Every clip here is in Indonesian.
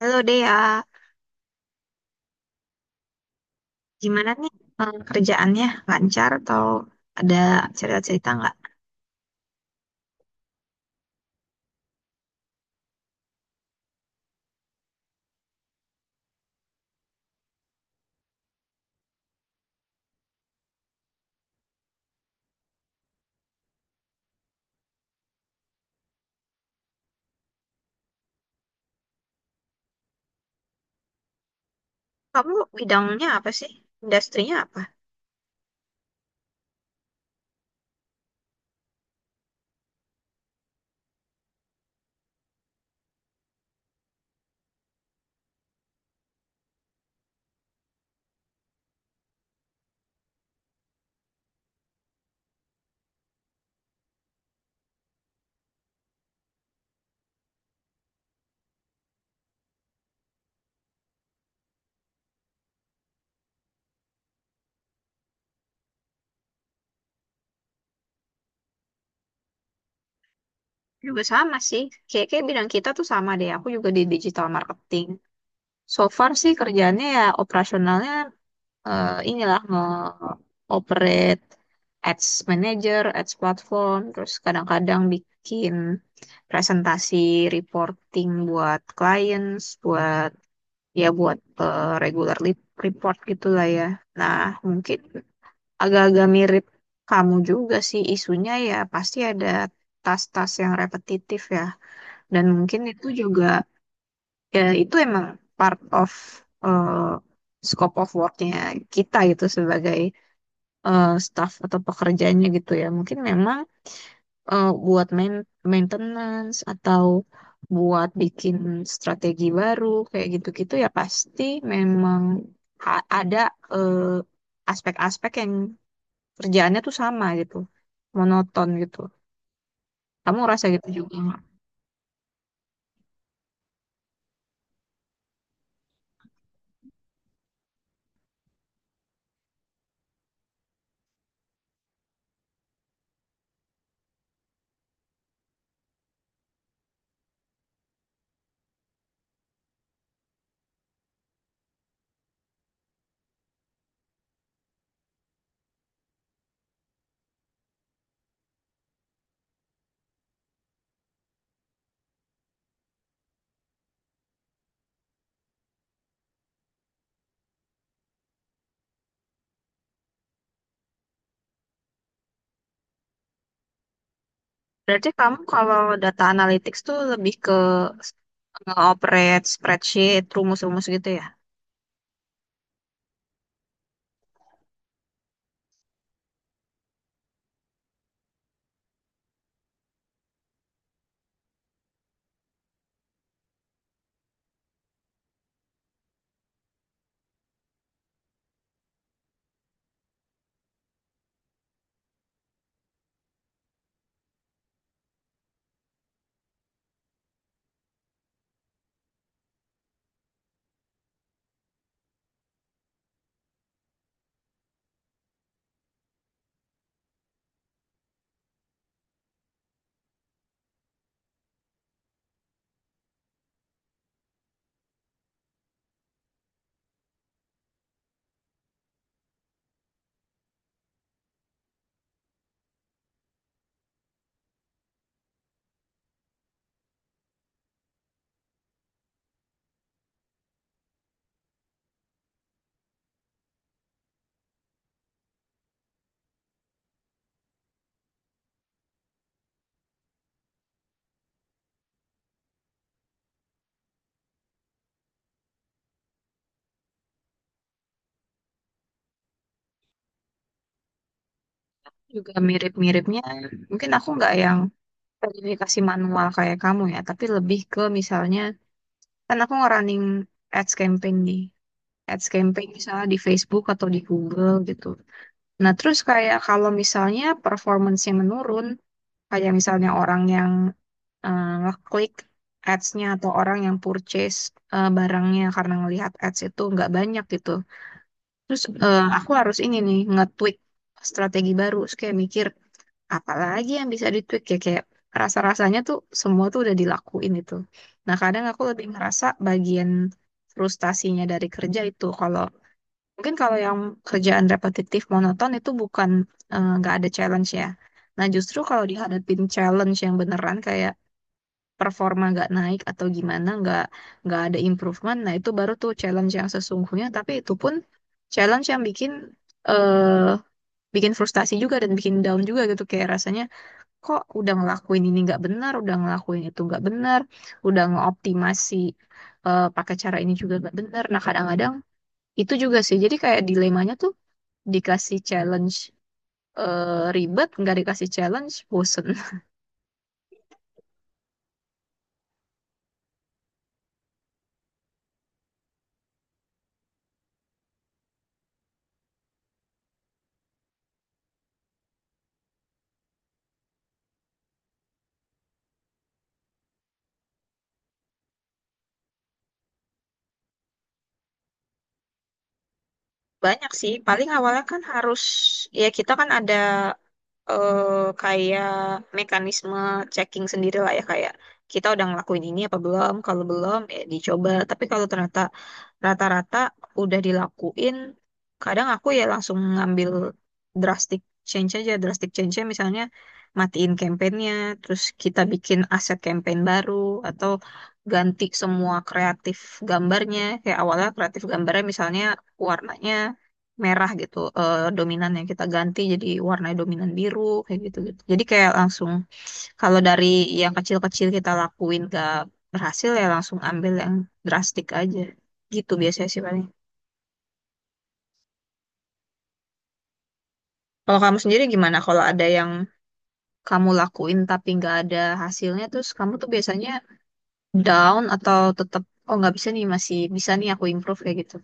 Halo Dea, gimana nih kerjaannya? Lancar atau ada cerita-cerita nggak? Kamu bidangnya apa sih? Industrinya apa? Juga sama sih, kayak-kayak bidang kita tuh sama deh. Aku juga di digital marketing. So far sih kerjaannya ya operasionalnya inilah nge-operate ads manager, ads platform, terus kadang-kadang bikin presentasi reporting buat clients, buat ya buat report gitulah ya. Nah, mungkin agak-agak mirip kamu juga sih isunya ya pasti ada tas-tas yang repetitif ya. Dan mungkin itu juga ya itu emang part of eh, scope of worknya kita gitu sebagai staff atau pekerjaannya gitu ya. Mungkin memang buat maintenance atau buat bikin strategi baru kayak gitu-gitu ya pasti memang ada eh, aspek-aspek yang kerjaannya tuh sama gitu, monoton gitu. Kamu ngerasa gitu juga nggak? Berarti kamu kalau data analytics tuh lebih ke nge-operate spreadsheet, rumus-rumus gitu ya? Juga mirip-miripnya. Mungkin aku nggak yang verifikasi manual kayak kamu ya, tapi lebih ke misalnya kan aku nge-running ads campaign nih. Ads campaign misalnya di Facebook atau di Google gitu. Nah, terus kayak kalau misalnya performance-nya menurun, kayak misalnya orang yang ngeklik ads-nya atau orang yang purchase barangnya karena ngelihat ads itu nggak banyak gitu. Terus aku harus ini nih, nge-tweak strategi baru. Terus kayak mikir, apalagi yang bisa ditweak ya kayak rasa-rasanya tuh semua tuh udah dilakuin itu. Nah, kadang aku lebih ngerasa bagian frustasinya dari kerja itu kalau mungkin kalau yang kerjaan repetitif monoton itu bukan nggak ada challenge ya. Nah, justru kalau dihadapin challenge yang beneran kayak performa nggak naik atau gimana nggak ada improvement, nah itu baru tuh challenge yang sesungguhnya. Tapi itu pun challenge yang bikin eh bikin frustasi juga dan bikin down juga gitu kayak rasanya kok udah ngelakuin ini nggak benar, udah ngelakuin itu nggak benar, udah ngeoptimasi pakai cara ini juga nggak benar. Nah kadang-kadang itu juga sih. Jadi kayak dilemanya tuh dikasih challenge ribet, nggak dikasih challenge bosen. Banyak sih. Paling awalnya kan harus ya kita kan ada eh kayak mekanisme checking sendiri lah ya kayak kita udah ngelakuin ini apa belum, kalau belum ya dicoba, tapi kalau ternyata rata-rata udah dilakuin, kadang aku ya langsung ngambil drastic change aja. Drastic change misalnya matiin campaignnya, terus kita bikin aset campaign baru atau ganti semua kreatif gambarnya. Kayak awalnya kreatif gambarnya misalnya warnanya merah gitu, dominannya kita ganti jadi warna dominan biru, kayak gitu gitu. Jadi kayak langsung kalau dari yang kecil-kecil kita lakuin gak berhasil ya langsung ambil yang drastik aja gitu biasanya sih paling. Kalau kamu sendiri gimana kalau ada yang kamu lakuin tapi nggak ada hasilnya, terus kamu tuh biasanya down atau tetap oh nggak bisa nih, masih bisa nih aku improve kayak gitu?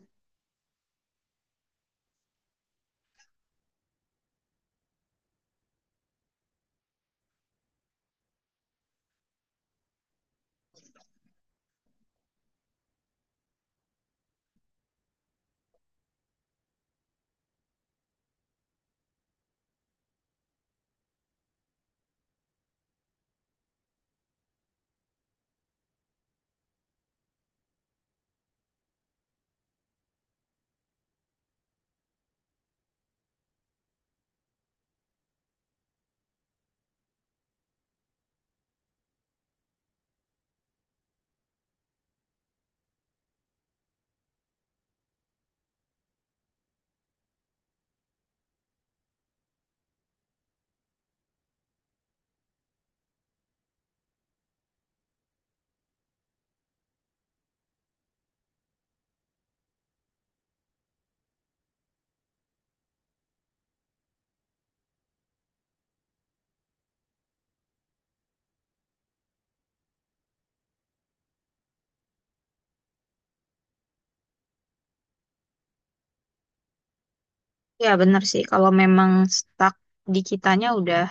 Ya benar sih kalau memang stuck di kitanya udah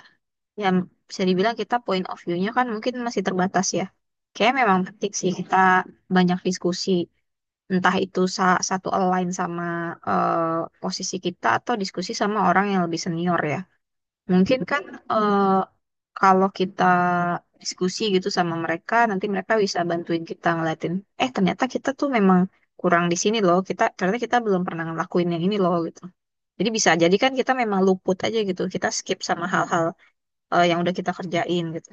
ya bisa dibilang kita point of view-nya kan mungkin masih terbatas ya. Kayak memang penting sih kita banyak diskusi, entah itu satu align sama eh, posisi kita atau diskusi sama orang yang lebih senior ya. Mungkin kan eh, kalau kita diskusi gitu sama mereka, nanti mereka bisa bantuin kita ngeliatin, eh ternyata kita tuh memang kurang di sini loh, kita ternyata kita belum pernah ngelakuin yang ini loh gitu. Jadi bisa jadi kan kita memang luput aja gitu, kita skip sama hal-hal yang udah kita kerjain gitu.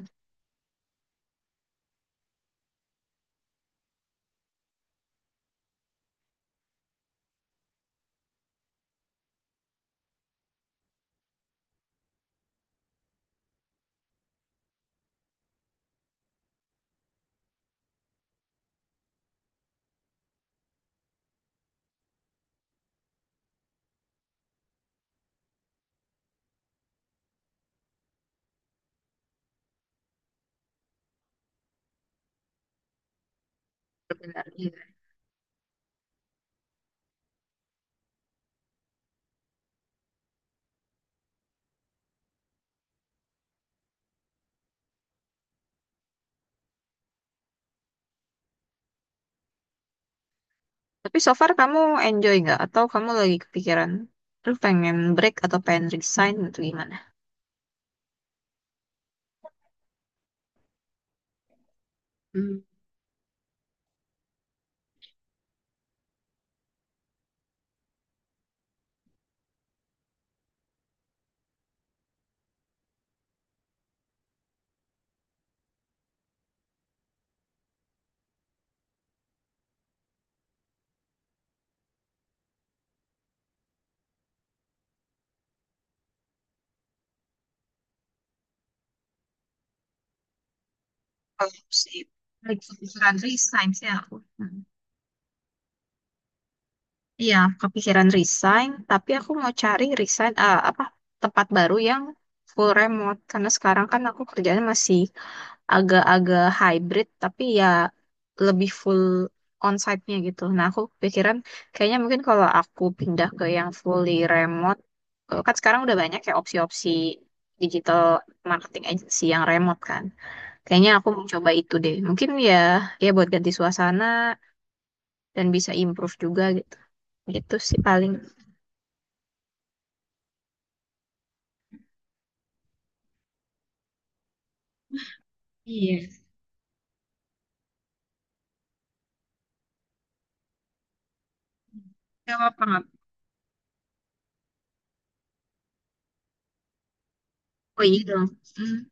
Benar. Iya. Tapi so far kamu enjoy nggak? Atau kamu lagi kepikiran, lu pengen break atau pengen resign gitu gimana? Hmm. Kalau aku sih lagi kepikiran resign sih aku. Iya, kepikiran resign, tapi aku mau cari resign eh, apa tempat baru yang full remote karena sekarang kan aku kerjanya masih agak-agak hybrid tapi ya lebih full onsite-nya gitu. Nah, aku pikiran kayaknya mungkin kalau aku pindah ke yang fully remote, kan sekarang udah banyak ya opsi-opsi digital marketing agency yang remote kan. Kayaknya aku mau coba itu deh. Mungkin ya ya buat ganti suasana dan bisa improve juga gitu. Gitu sih paling. Iya, nggak apa-apa. Nggak apa-apa. Oh iya dong. Hmm.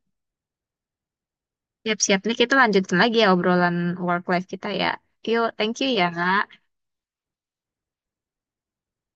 Siap-siap nih kita lanjutin lagi ya obrolan work life kita ya. Yuk, thank you ya.